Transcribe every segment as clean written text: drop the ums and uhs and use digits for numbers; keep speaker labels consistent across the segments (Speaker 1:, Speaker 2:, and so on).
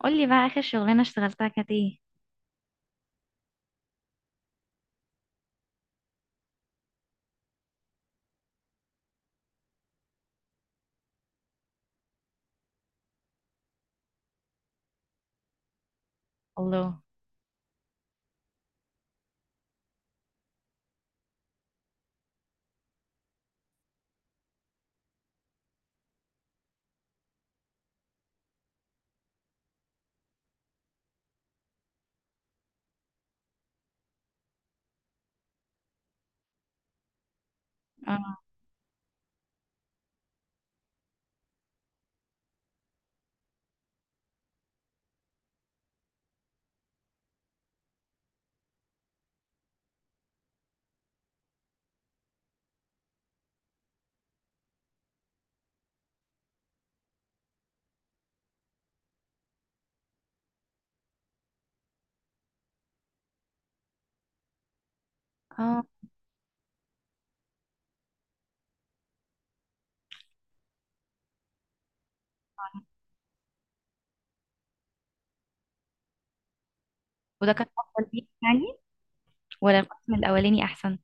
Speaker 1: قولي بقى آخر شغلانة اشتغلتها كانت ايه؟ الله. اه، اه. وده كان افضل ليك يعني، ولا القسم الاولاني احسن؟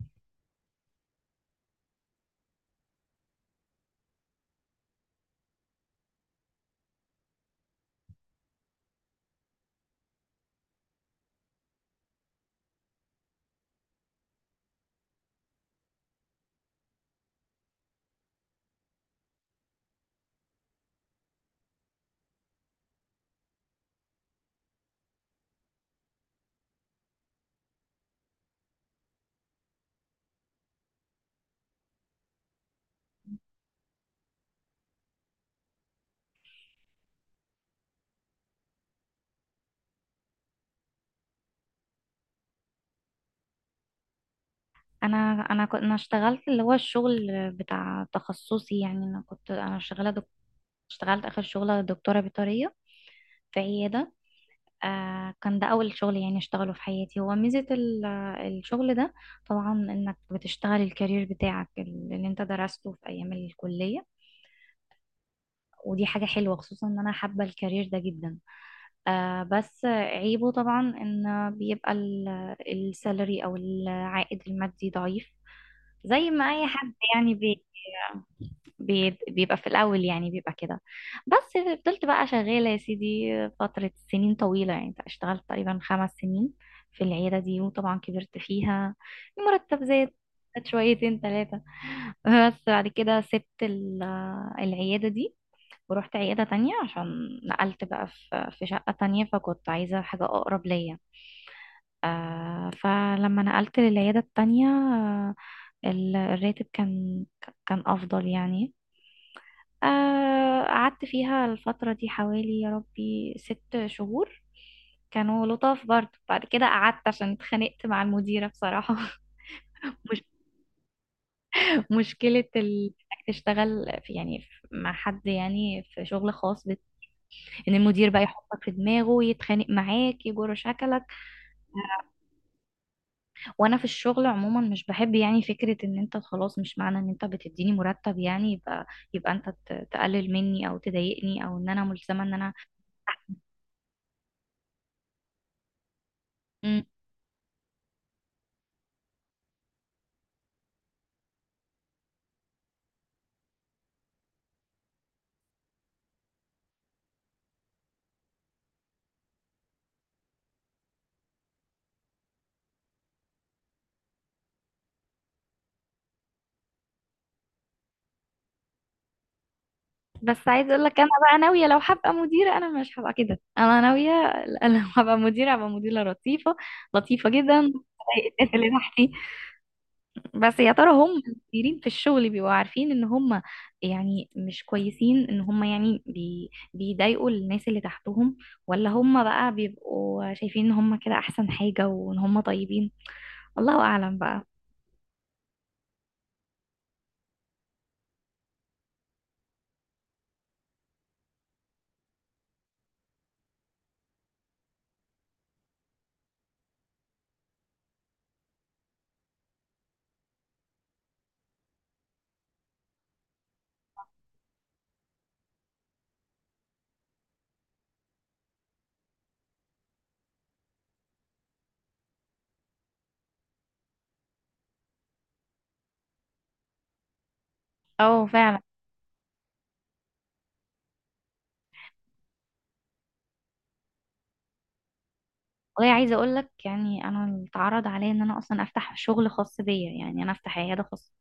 Speaker 1: انا انا كنت اشتغلت اللي هو الشغل بتاع تخصصي، يعني انا كنت شغاله اشتغلت اخر شغله دكتوره بيطريه في عياده. كان ده اول شغل يعني اشتغله في حياتي. هو ميزه الشغل ده طبعا انك بتشتغل الكارير بتاعك اللي انت درسته في ايام الكليه. ودي حاجه حلوه، خصوصا ان انا حابه الكارير ده جدا. بس عيبه طبعا ان بيبقى السالري او العائد المادي ضعيف، زي ما اي حد يعني بي بي بيبقى في الاول، يعني بيبقى كده. بس فضلت بقى شغالة يا سيدي فترة سنين طويلة، يعني اشتغلت تقريبا 5 سنين في العيادة دي، وطبعا كبرت فيها المرتب زاد. زاد شويتين ثلاثة. بس بعد كده سبت العيادة دي ورحت عيادة تانية عشان نقلت بقى في شقة تانية، فكنت عايزة حاجة أقرب ليا. فلما نقلت للعيادة التانية، الراتب كان أفضل يعني. قعدت فيها الفترة دي حوالي يا ربي 6 شهور. كانوا لطاف برضه. بعد كده قعدت عشان اتخانقت مع المديرة بصراحة. مش مشكلة إنك تشتغل في، يعني، مع حد يعني في شغل خاص، ان المدير بقى يحطك في دماغه يتخانق معاك يجر شكلك. وانا في الشغل عموما مش بحب يعني فكرة ان انت خلاص، مش معنى ان انت بتديني مرتب يعني يبقى انت تقلل مني او تضايقني او ان انا ملزمة ان انا. مم. بس عايز اقول لك، انا بقى ناوية لو هبقى مديرة انا مش هبقى كده. انا ناوية لو هبقى مديرة هبقى مديرة لطيفة، لطيفة جدا الناس اللي تحتي. بس يا ترى هم المديرين في الشغل بيبقوا عارفين ان هم يعني مش كويسين، ان هم يعني بيضايقوا الناس اللي تحتهم؟ ولا هم بقى بيبقوا شايفين ان هم كده احسن حاجة وان هم طيبين؟ الله اعلم بقى. اه، فعلا. والله عايزة اقول لك يعني، انا اتعرض عليا ان انا اصلا افتح شغل خاص بيا، يعني انا افتح عيادة خاصة.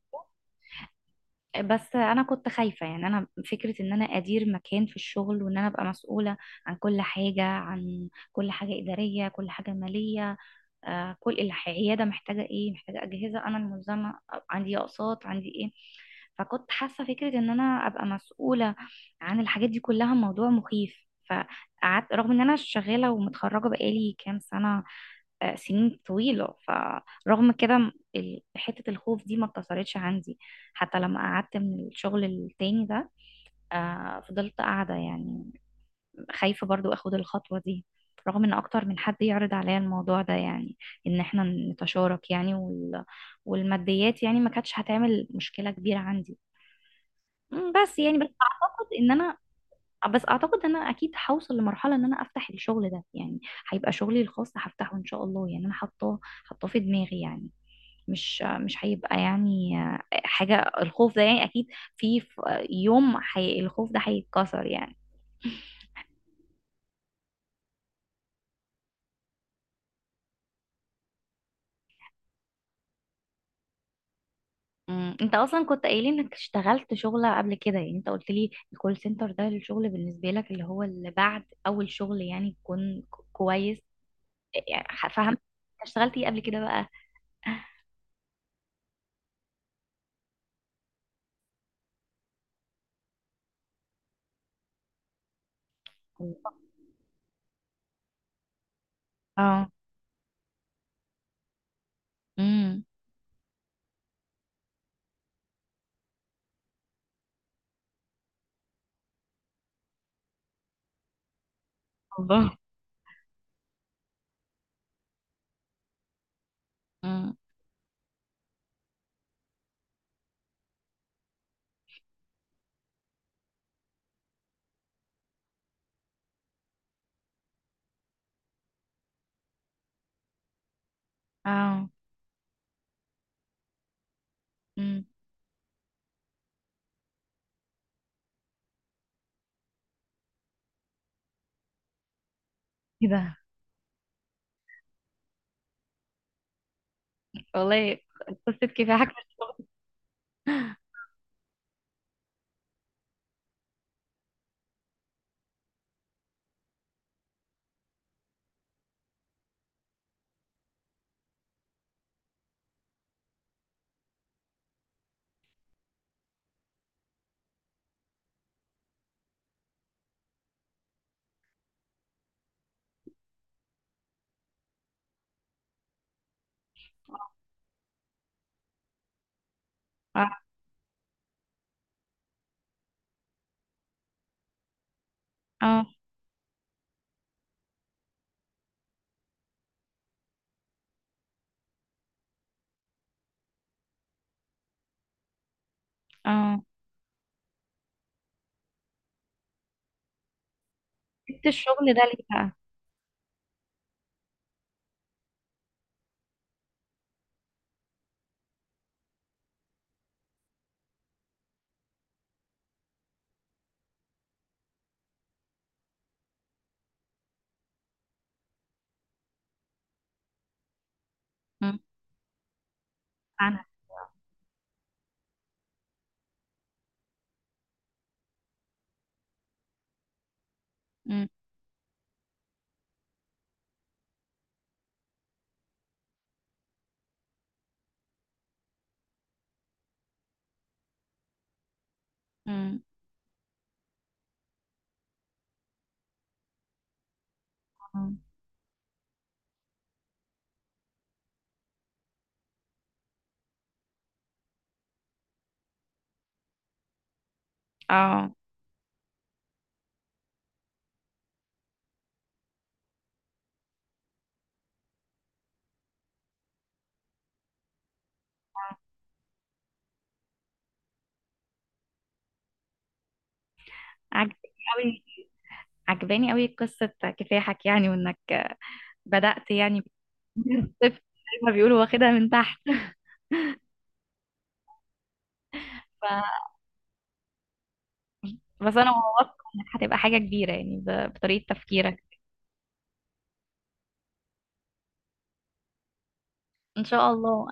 Speaker 1: بس انا كنت خايفه يعني، انا فكره ان انا ادير مكان في الشغل وان انا ابقى مسؤوله عن كل حاجه، عن كل حاجه اداريه، كل حاجه ماليه. كل العياده محتاجه ايه، محتاجه اجهزه، انا الملزمه عندي اقساط، عندي ايه. فكنت حاسه فكره ان انا ابقى مسؤوله عن الحاجات دي كلها، موضوع مخيف. فقعدت رغم ان انا شغاله ومتخرجه بقالي كام سنه، سنين طويلة. فرغم كده حتة الخوف دي ما اتكسرتش عندي حتى لما قعدت من الشغل التاني ده. فضلت قاعدة يعني، خايفة برضو اخد الخطوة دي، رغم ان اكتر من حد يعرض عليا الموضوع ده يعني، ان احنا نتشارك يعني والماديات يعني ما كانتش هتعمل مشكلة كبيرة عندي. مم، بس يعني بس اعتقد ان انا بس اعتقد ان انا اكيد هوصل لمرحلة ان انا افتح الشغل ده يعني. هيبقى شغلي الخاص، هفتحه ان شاء الله. يعني انا حاطاه في دماغي يعني. مش هيبقى يعني حاجة، الخوف ده يعني أكيد في يوم حي الخوف ده هيتكسر يعني. انت اصلا كنت قايل انك اشتغلت شغلة قبل كده، يعني انت قلت لي الكول سنتر ده الشغل بالنسبة لك اللي هو اللي بعد اول شغل يعني يكون كويس يعني، فهمت. انت اشتغلت ايه قبل كده بقى؟ اه. امم. الله. امم. اه. امم. ايه ده. والله قصة كفاحك في الشغل. اه. اه. اه. سبت الشغل ده ليه بقى؟ امم. عنها. م- م. مم. اه. عجباني قوي، عجباني قوي قصة كفاحك يعني، وانك بدأت يعني، من الصفر زي ما بيقولوا واخدها من تحت. ف... بس انا واثقة انك هتبقى حاجة كبيرة يعني، بطريقة تفكيرك. ان شاء الله.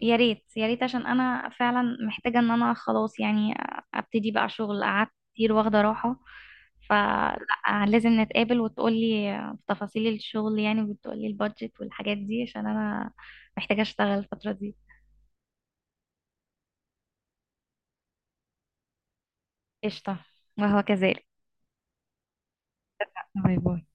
Speaker 1: يا ريت يا ريت عشان انا فعلا محتاجة ان انا خلاص، يعني ابتدي بقى شغل، قعدت كتير واخدة راحة. فلازم نتقابل وتقولي تفاصيل الشغل، يعني وتقولي البادجت والحاجات دي عشان انا محتاجة اشتغل الفترة دي. قشطة. وهو كذلك. باي باي.